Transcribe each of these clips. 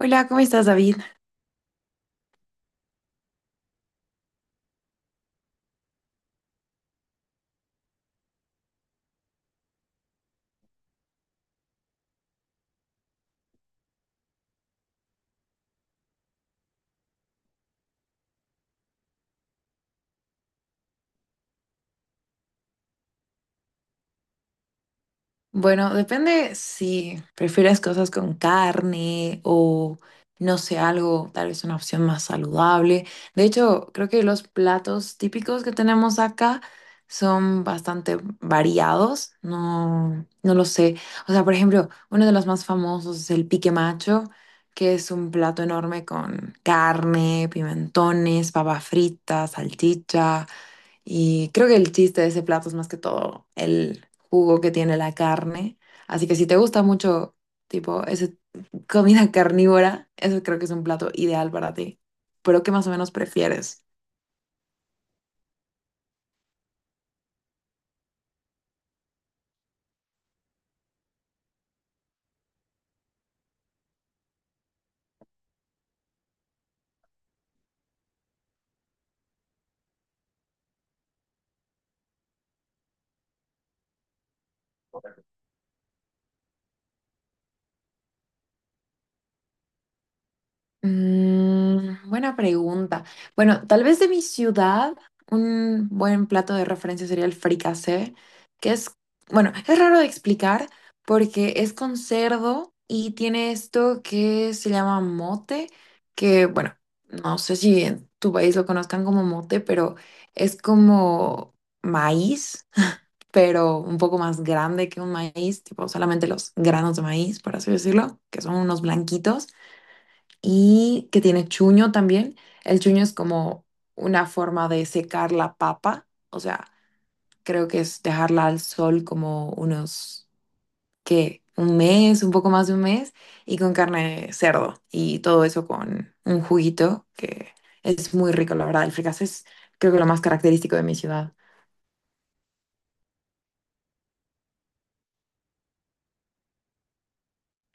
Hola, ¿cómo estás, David? Bueno, depende si prefieres cosas con carne o, no sé, algo, tal vez una opción más saludable. De hecho, creo que los platos típicos que tenemos acá son bastante variados. No, no lo sé. O sea, por ejemplo, uno de los más famosos es el pique macho, que es un plato enorme con carne, pimentones, papa frita, salchicha. Y creo que el chiste de ese plato es más que todo el jugo que tiene la carne. Así que si te gusta mucho, tipo, esa comida carnívora, eso creo que es un plato ideal para ti. Pero ¿qué más o menos prefieres? Buena pregunta. Bueno, tal vez de mi ciudad, un buen plato de referencia sería el fricasé, que es, bueno, es raro de explicar porque es con cerdo y tiene esto que se llama mote, que, bueno, no sé si en tu país lo conozcan como mote, pero es como maíz, pero un poco más grande que un maíz, tipo solamente los granos de maíz, por así decirlo, que son unos blanquitos y que tiene chuño también. El chuño es como una forma de secar la papa, o sea, creo que es dejarla al sol como unos, ¿qué? Un mes, un poco más de un mes, y con carne de cerdo y todo eso con un juguito que es muy rico, la verdad. El fricasé es creo que lo más característico de mi ciudad.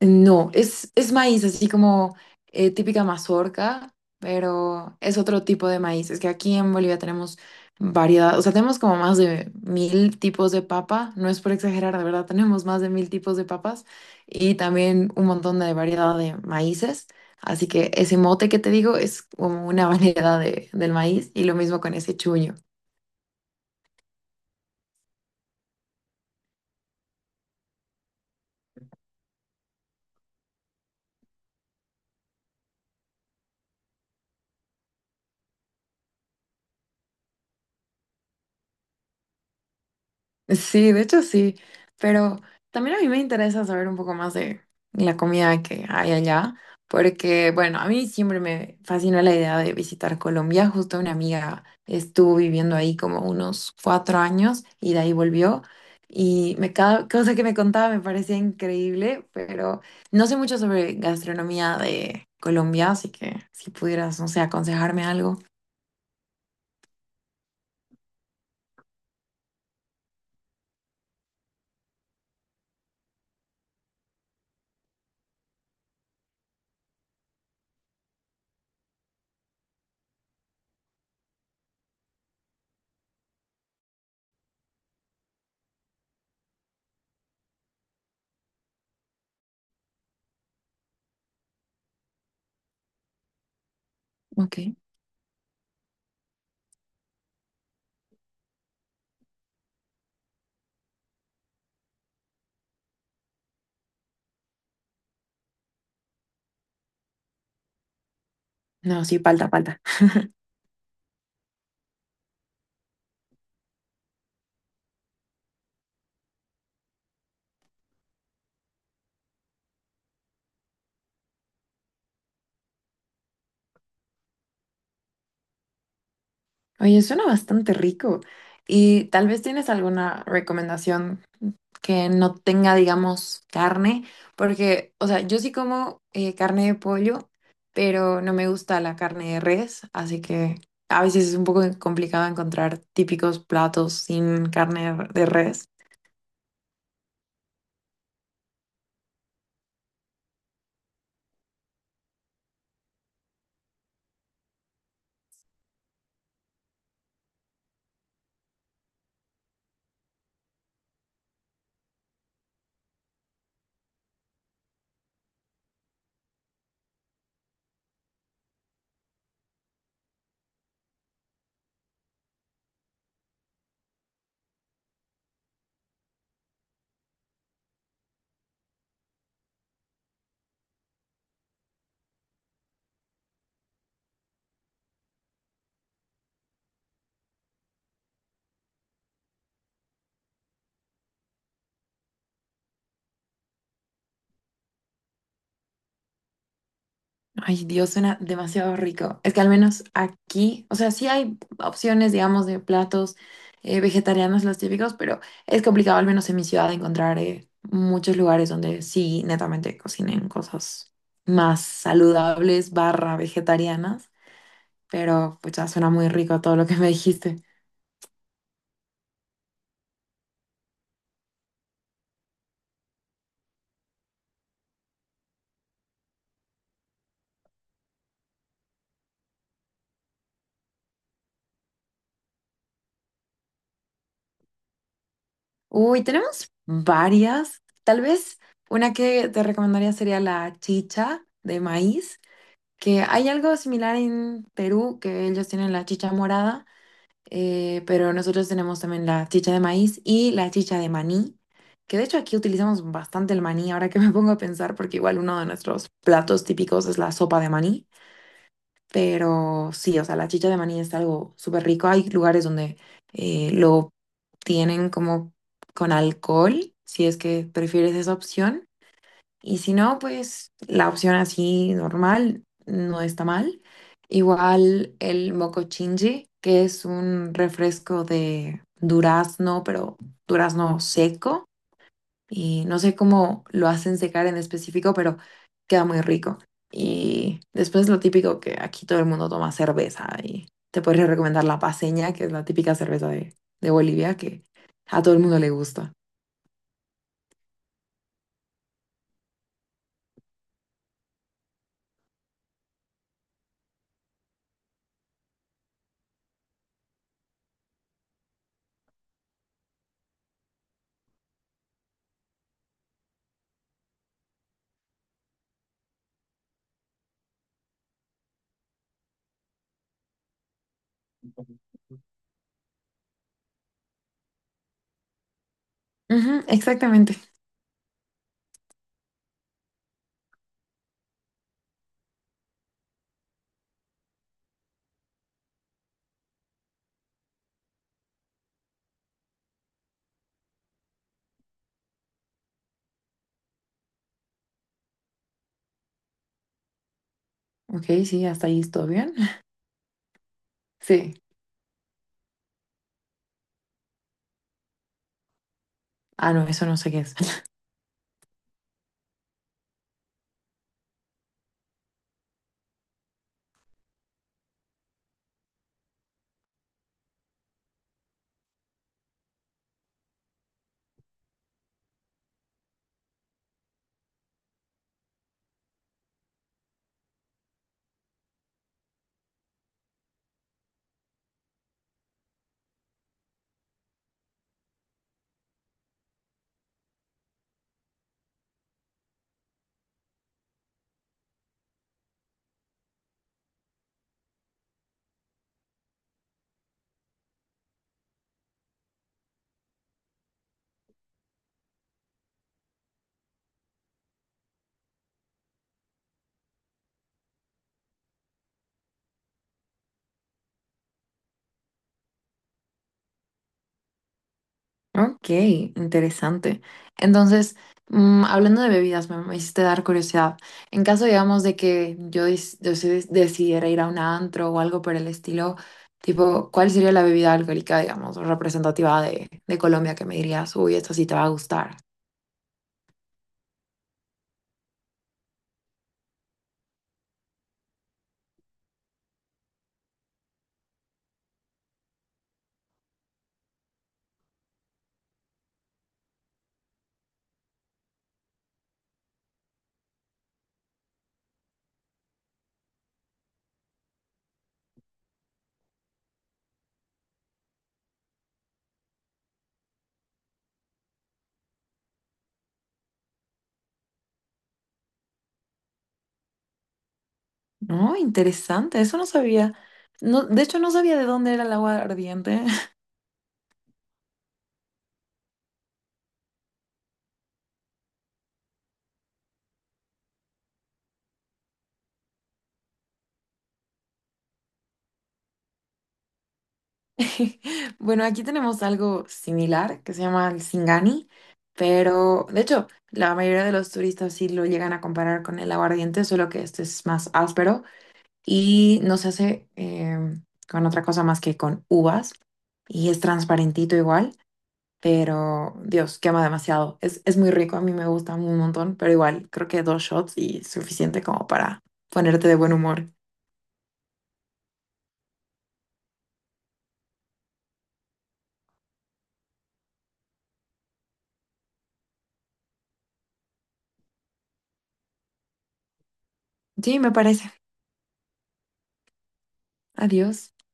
No, es maíz, así como típica mazorca, pero es otro tipo de maíz. Es que aquí en Bolivia tenemos variedad, o sea, tenemos como más de 1.000 tipos de papa, no es por exagerar, de verdad, tenemos más de 1.000 tipos de papas y también un montón de variedad de maíces. Así que ese mote que te digo es como una variedad del maíz y lo mismo con ese chuño. Sí, de hecho sí, pero también a mí me interesa saber un poco más de la comida que hay allá, porque bueno, a mí siempre me fascinó la idea de visitar Colombia. Justo una amiga estuvo viviendo ahí como unos 4 años y de ahí volvió. Y me, cada cosa que me contaba me parecía increíble, pero no sé mucho sobre gastronomía de Colombia, así que si pudieras, no sé, aconsejarme algo. Ok. No, sí, falta, falta. Oye, suena bastante rico. Y tal vez tienes alguna recomendación que no tenga, digamos, carne, porque, o sea, yo sí como carne de pollo, pero no me gusta la carne de res, así que a veces es un poco complicado encontrar típicos platos sin carne de res. Ay, Dios, suena demasiado rico. Es que al menos aquí, o sea, sí hay opciones, digamos, de platos vegetarianos, los típicos, pero es complicado, al menos en mi ciudad, encontrar muchos lugares donde sí, netamente cocinen cosas más saludables, barra vegetarianas. Pero pues ya suena muy rico todo lo que me dijiste. Uy, tenemos varias. Tal vez una que te recomendaría sería la chicha de maíz, que hay algo similar en Perú, que ellos tienen la chicha morada, pero nosotros tenemos también la chicha de maíz y la chicha de maní, que de hecho aquí utilizamos bastante el maní, ahora que me pongo a pensar, porque igual uno de nuestros platos típicos es la sopa de maní, pero sí, o sea, la chicha de maní es algo súper rico, hay lugares donde lo tienen como con alcohol, si es que prefieres esa opción. Y si no, pues la opción así normal no está mal. Igual el mocochinchi, que es un refresco de durazno, pero durazno seco. Y no sé cómo lo hacen secar en específico, pero queda muy rico. Y después lo típico que aquí todo el mundo toma cerveza. Y te podría recomendar la paseña, que es la típica cerveza de Bolivia, que a todo el mundo le gusta. Ujú, exactamente. Ok, sí, hasta ahí todo bien. Sí. Ah, no, eso no sé qué es. Ok, interesante. Entonces, hablando de bebidas, me hiciste dar curiosidad. En caso, digamos, de que yo, dis- yo sí des- decidiera ir a un antro o algo por el estilo, tipo, ¿cuál sería la bebida alcohólica, digamos, representativa de Colombia que me dirías, uy, esta sí te va a gustar? No, interesante, eso no sabía. No, de hecho, no sabía de dónde era el agua ardiente. Bueno, aquí tenemos algo similar que se llama el Singani, pero de hecho, la mayoría de los turistas sí lo llegan a comparar con el aguardiente, solo que este es más áspero y no se hace con otra cosa más que con uvas y es transparentito igual, pero Dios, quema demasiado. Es muy rico, a mí me gusta un montón, pero igual creo que dos shots y suficiente como para ponerte de buen humor. Sí, me parece. Adiós.